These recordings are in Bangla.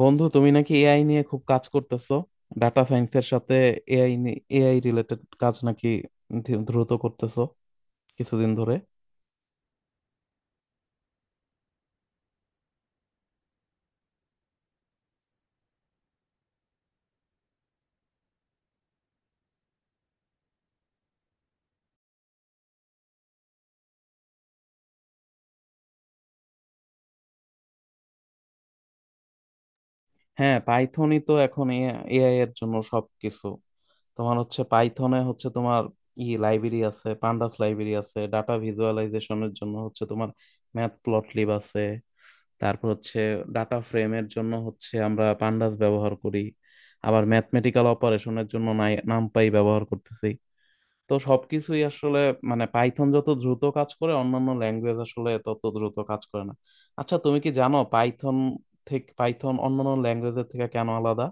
বন্ধু, তুমি নাকি এআই নিয়ে খুব কাজ করতেছো? ডাটা সায়েন্সের সাথে এআই এআই রিলেটেড কাজ নাকি দ্রুত করতেছো কিছুদিন ধরে? হ্যাঁ, পাইথনই তো এখন এআই এর জন্য সবকিছু। তোমার হচ্ছে পাইথনে হচ্ছে তোমার লাইব্রেরি আছে, পান্ডাস লাইব্রেরি আছে, ডাটা ভিজুয়ালাইজেশনের জন্য হচ্ছে তোমার ম্যাথ প্লটলিব আছে। তারপর হচ্ছে ডাটা ফ্রেমের জন্য হচ্ছে আমরা পান্ডাস ব্যবহার করি। আবার ম্যাথমেটিক্যাল অপারেশনের জন্য নামপাই ব্যবহার করতেছি। তো সবকিছুই আসলে মানে পাইথন যত দ্রুত কাজ করে অন্যান্য ল্যাঙ্গুয়েজ আসলে তত দ্রুত কাজ করে না। আচ্ছা, তুমি কি জানো পাইথন অন্যান্য ল্যাঙ্গুয়েজের থেকে কেন আলাদা?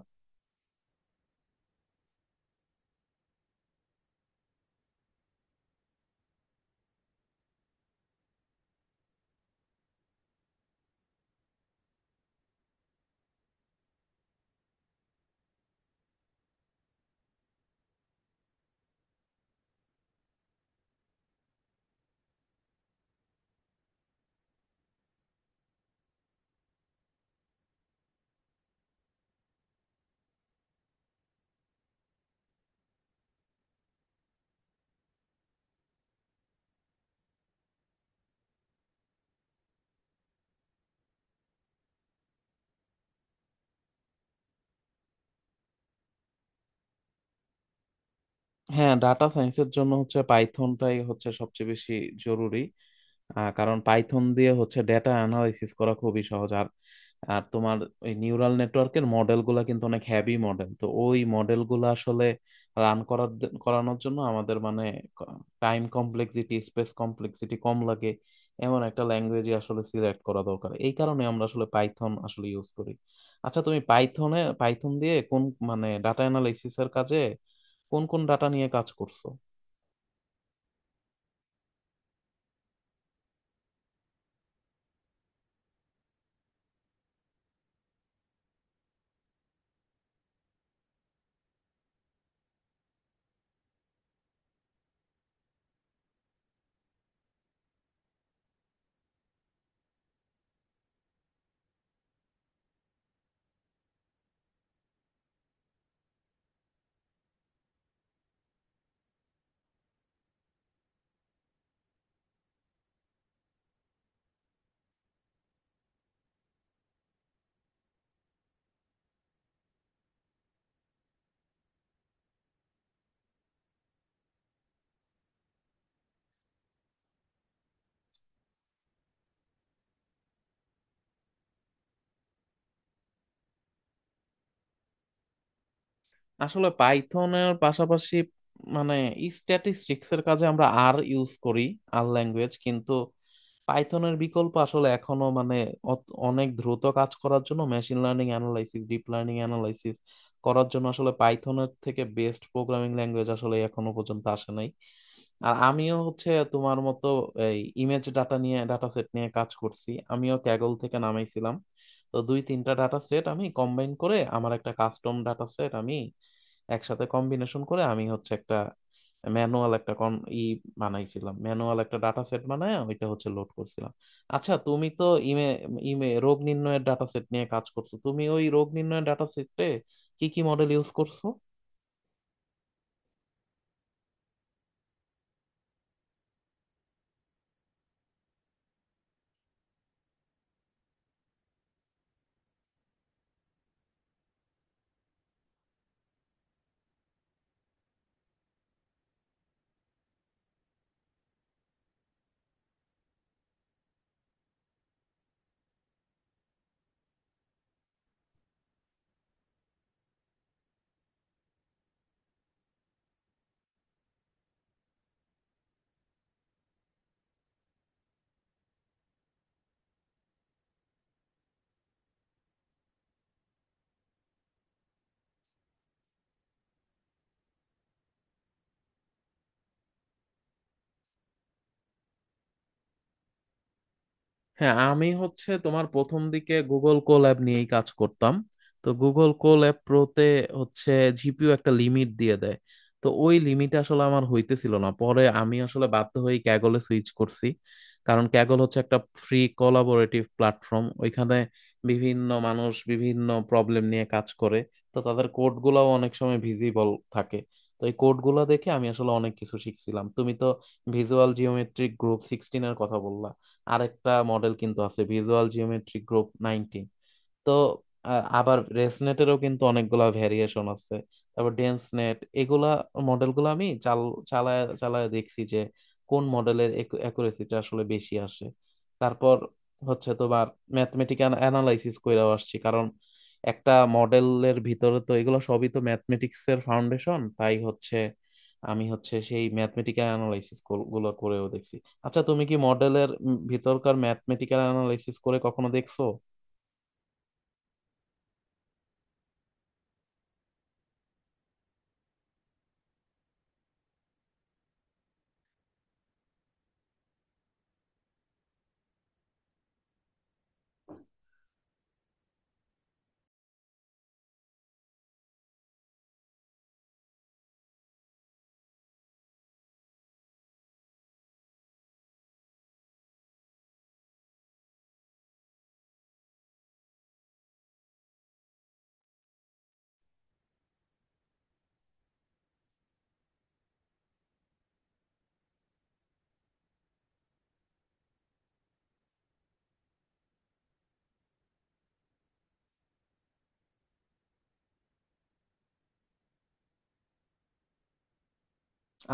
হ্যাঁ, ডাটা সায়েন্সের জন্য হচ্ছে পাইথনটাই হচ্ছে সবচেয়ে বেশি জরুরি। কারণ পাইথন দিয়ে হচ্ছে ডেটা অ্যানালাইসিস করা খুবই সহজ। আর আর তোমার ওই নিউরাল নেটওয়ার্কের মডেল গুলা কিন্তু অনেক হ্যাভি মডেল। তো ওই মডেল গুলা আসলে রান করার করানোর জন্য আমাদের মানে টাইম কমপ্লেক্সিটি, স্পেস কমপ্লেক্সিটি কম লাগে। এমন একটা ল্যাঙ্গুয়েজই আসলে সিলেক্ট করা দরকার। এই কারণে আমরা আসলে পাইথন আসলে ইউজ করি। আচ্ছা, তুমি পাইথন দিয়ে কোন মানে ডাটা অ্যানালাইসিস এর কাজে কোন কোন ডাটা নিয়ে কাজ করছো? আসলে পাইথনের পাশাপাশি মানে স্ট্যাটিস্টিক্স এর কাজে আমরা আর ইউজ করি। আর ল্যাঙ্গুয়েজ কিন্তু পাইথনের বিকল্প আসলে এখনো মানে অনেক দ্রুত কাজ করার জন্য, machine learning analysis, deep learning analysis করার জন্য আসলে পাইথনের থেকে বেস্ট প্রোগ্রামিং ল্যাঙ্গুয়েজ আসলে এখনো পর্যন্ত আসে নাই। আর আমিও হচ্ছে তোমার মতো এই ইমেজ ডাটা নিয়ে, ডাটা সেট নিয়ে কাজ করছি। আমিও ক্যাগল থেকে নামাইছিলাম। তো দুই তিনটা ডাটা সেট আমি কম্বাইন করে আমার একটা কাস্টম ডাটা সেট আমি একসাথে কম্বিনেশন করে আমি হচ্ছে একটা ম্যানুয়াল একটা কন ই বানাইছিলাম। ম্যানুয়াল একটা ডাটা সেট বানায় ওইটা হচ্ছে লোড করছিলাম। আচ্ছা, তুমি তো ইমে ইমে রোগ নির্ণয়ের ডাটা সেট নিয়ে কাজ করছো। তুমি ওই রোগ নির্ণয়ের ডাটা সেটে কি কি মডেল ইউজ করছো? হ্যাঁ, আমি হচ্ছে তোমার প্রথম দিকে গুগল কোল্যাব নিয়েই কাজ করতাম। তো গুগল কোল্যাব প্রোতে হচ্ছে জিপিইউ একটা লিমিট দিয়ে দেয়। তো ওই লিমিট আসলে আমার হইতেছিল না, পরে আমি আসলে বাধ্য হয়ে ক্যাগলে সুইচ করছি। কারণ ক্যাগল হচ্ছে একটা ফ্রি কোলাবোরেটিভ প্ল্যাটফর্ম। ওইখানে বিভিন্ন মানুষ বিভিন্ন প্রবলেম নিয়ে কাজ করে। তো তাদের কোডগুলোও অনেক সময় ভিজিবল থাকে। তো এই কোডগুলো দেখে আমি আসলে অনেক কিছু শিখছিলাম। তুমি তো ভিজুয়াল জিওমেট্রিক গ্রুপ সিক্সটিনের কথা বললা। আরেকটা মডেল কিন্তু আছে ভিজুয়াল জিওমেট্রিক গ্রুপ নাইনটি। তো আ- আবার রেসনেটেরও কিন্তু অনেকগুলা ভেরিয়েশন আছে। তারপর ডেন্স নেট এগুলা মডেলগুলো আমি চালায় চালায় দেখছি যে কোন মডেলের অ্যাকুরেসিটা আসলে বেশি আসে। তারপর হচ্ছে তোমার ম্যাথমেটিক্যাল অ্যানালাইসিস কইরাও আসছি। কারণ একটা মডেলের ভিতরে তো এগুলো সবই তো ম্যাথমেটিক্স এর ফাউন্ডেশন। তাই হচ্ছে আমি হচ্ছে সেই ম্যাথমেটিক্যাল অ্যানালাইসিস গুলো করেও দেখছি। আচ্ছা, তুমি কি মডেলের ভিতরকার ম্যাথমেটিক্যাল অ্যানালাইসিস করে কখনো দেখছো?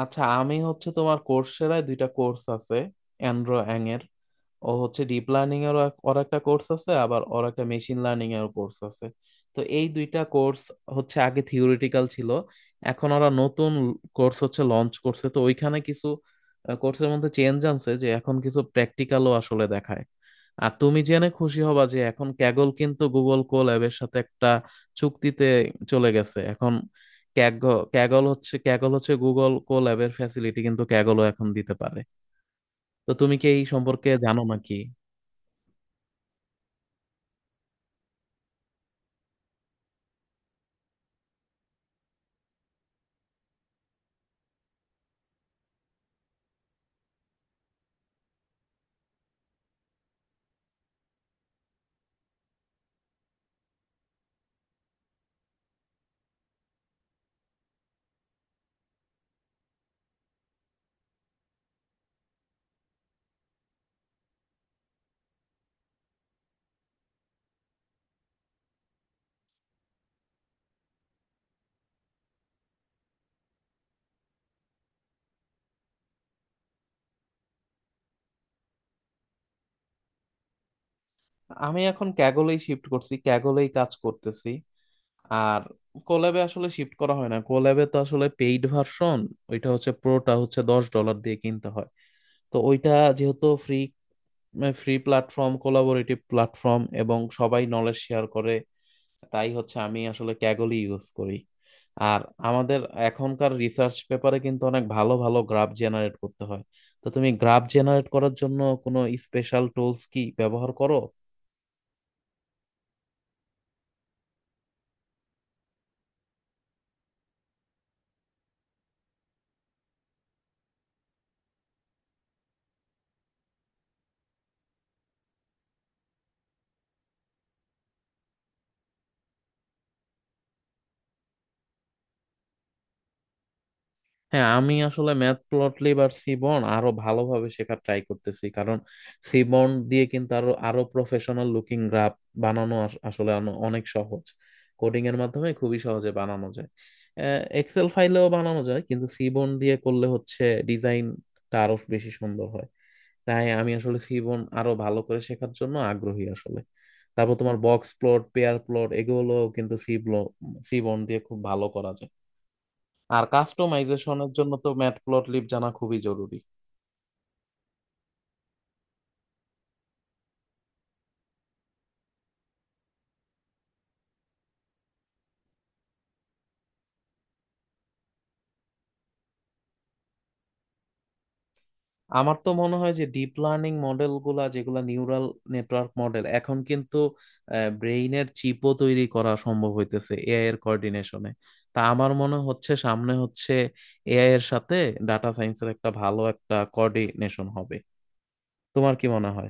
আচ্ছা, আমি হচ্ছে তোমার কোর্সেরায় দুইটা কোর্স আছে। অ্যান্ড্রো অ্যাং এর, ও হচ্ছে ডিপ লার্নিং এর, ওর একটা কোর্স আছে। আবার ওর একটা মেশিন লার্নিং এর কোর্স আছে। তো এই দুইটা কোর্স হচ্ছে আগে থিওরিটিক্যাল ছিল। এখন ওরা নতুন কোর্স হচ্ছে লঞ্চ করছে। তো ওইখানে কিছু কোর্সের মধ্যে চেঞ্জ আনছে যে এখন কিছু প্র্যাকটিক্যালও আসলে দেখায়। আর তুমি জেনে খুশি হবা যে এখন ক্যাগল কিন্তু গুগল কোল্যাবের সাথে একটা চুক্তিতে চলে গেছে। এখন ক্যাগল ক্যাগল হচ্ছে ক্যাগল হচ্ছে গুগল কোল্যাবের ফ্যাসিলিটি কিন্তু ক্যাগলও এখন দিতে পারে। তো তুমি কি এই সম্পর্কে জানো নাকি? আমি এখন ক্যাগলেই শিফট করছি, ক্যাগলেই কাজ করতেছি। আর কোল্যাবে আসলে শিফট করা হয় না, কোল্যাবে তো আসলে পেইড ভার্সন। ওইটা হচ্ছে প্রোটা হচ্ছে 10 ডলার দিয়ে কিনতে হয়। তো ওইটা যেহেতু free free platform, collaborative platform এবং সবাই নলেজ শেয়ার করে, তাই হচ্ছে আমি আসলে ক্যাগলই ইউজ করি। আর আমাদের এখনকার রিসার্চ পেপারে কিন্তু অনেক ভালো ভালো গ্রাফ জেনারেট করতে হয়। তো তুমি গ্রাফ জেনারেট করার জন্য কোনো স্পেশাল টুলস কি ব্যবহার করো? হ্যাঁ, আমি আসলে ম্যাথ প্লটলিব আর সিবন আরো ভালোভাবে শেখার ট্রাই করতেছি। কারণ সিবন দিয়ে কিন্তু আরো আরো প্রফেশনাল লুকিং গ্রাফ বানানো আসলে অনেক সহজ। কোডিং এর মাধ্যমে খুবই সহজে বানানো যায়। এক্সেল ফাইলেও বানানো যায়, কিন্তু সিবন দিয়ে করলে হচ্ছে ডিজাইনটা আরো বেশি সুন্দর হয়। তাই আমি আসলে সিবন আরো ভালো করে শেখার জন্য আগ্রহী আসলে। তারপর তোমার বক্স প্লট, পেয়ার প্লট এগুলো কিন্তু সিবন দিয়ে খুব ভালো করা যায়। আর কাস্টমাইজেশনের জন্য তো ম্যাটপ্লটলিব জানা খুবই জরুরি। আমার তো মনে হয় যে ডিপ লার্নিং মডেল গুলা যেগুলা নিউরাল নেটওয়ার্ক মডেল, এখন কিন্তু ব্রেইনের চিপও তৈরি করা সম্ভব হইতেছে এআই এর কোঅর্ডিনেশনে। তা আমার মনে হচ্ছে সামনে হচ্ছে এআই এর সাথে ডাটা সায়েন্সের একটা ভালো একটা কোঅর্ডিনেশন হবে। তোমার কি মনে হয়?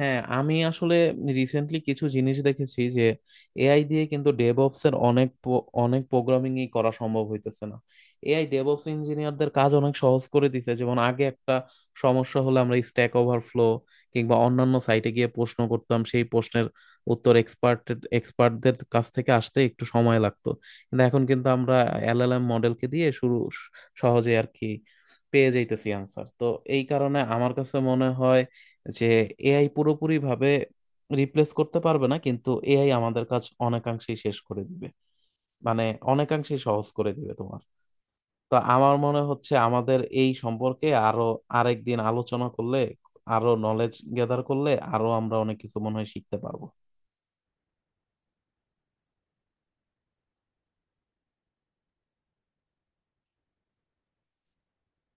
হ্যাঁ, আমি আসলে রিসেন্টলি কিছু জিনিস দেখেছি যে এআই দিয়ে কিন্তু ডেভঅপস এর অনেক প- অনেক প্রোগ্রামিং ই করা সম্ভব হইতেছে না। এআই ডেভঅপস ইঞ্জিনিয়ারদের কাজ অনেক সহজ করে দিছে। যেমন আগে একটা সমস্যা হলে আমরা স্ট্যাক ওভারফ্লো কিংবা অন্যান্য সাইটে গিয়ে প্রশ্ন করতাম, সেই প্রশ্নের উত্তর এক্সপার্টদের কাছ থেকে আসতে একটু সময় লাগতো। কিন্তু এখন কিন্তু আমরা এলএলএম মডেলকে দিয়ে শুরু সহজে আর কি পেয়ে যাইতেছি আনসার। তো এই কারণে আমার কাছে মনে হয় যে এআই পুরোপুরিভাবে রিপ্লেস করতে পারবে না, কিন্তু এআই আমাদের কাজ অনেকাংশেই শেষ করে দিবে মানে অনেকাংশেই সহজ করে দিবে তোমার। তো আমার মনে হচ্ছে আমাদের এই সম্পর্কে আরো আরেকদিন আলোচনা করলে, আরো নলেজ গ্যাদার করলে, আরো আমরা অনেক কিছু মনে হয় শিখতে পারবো।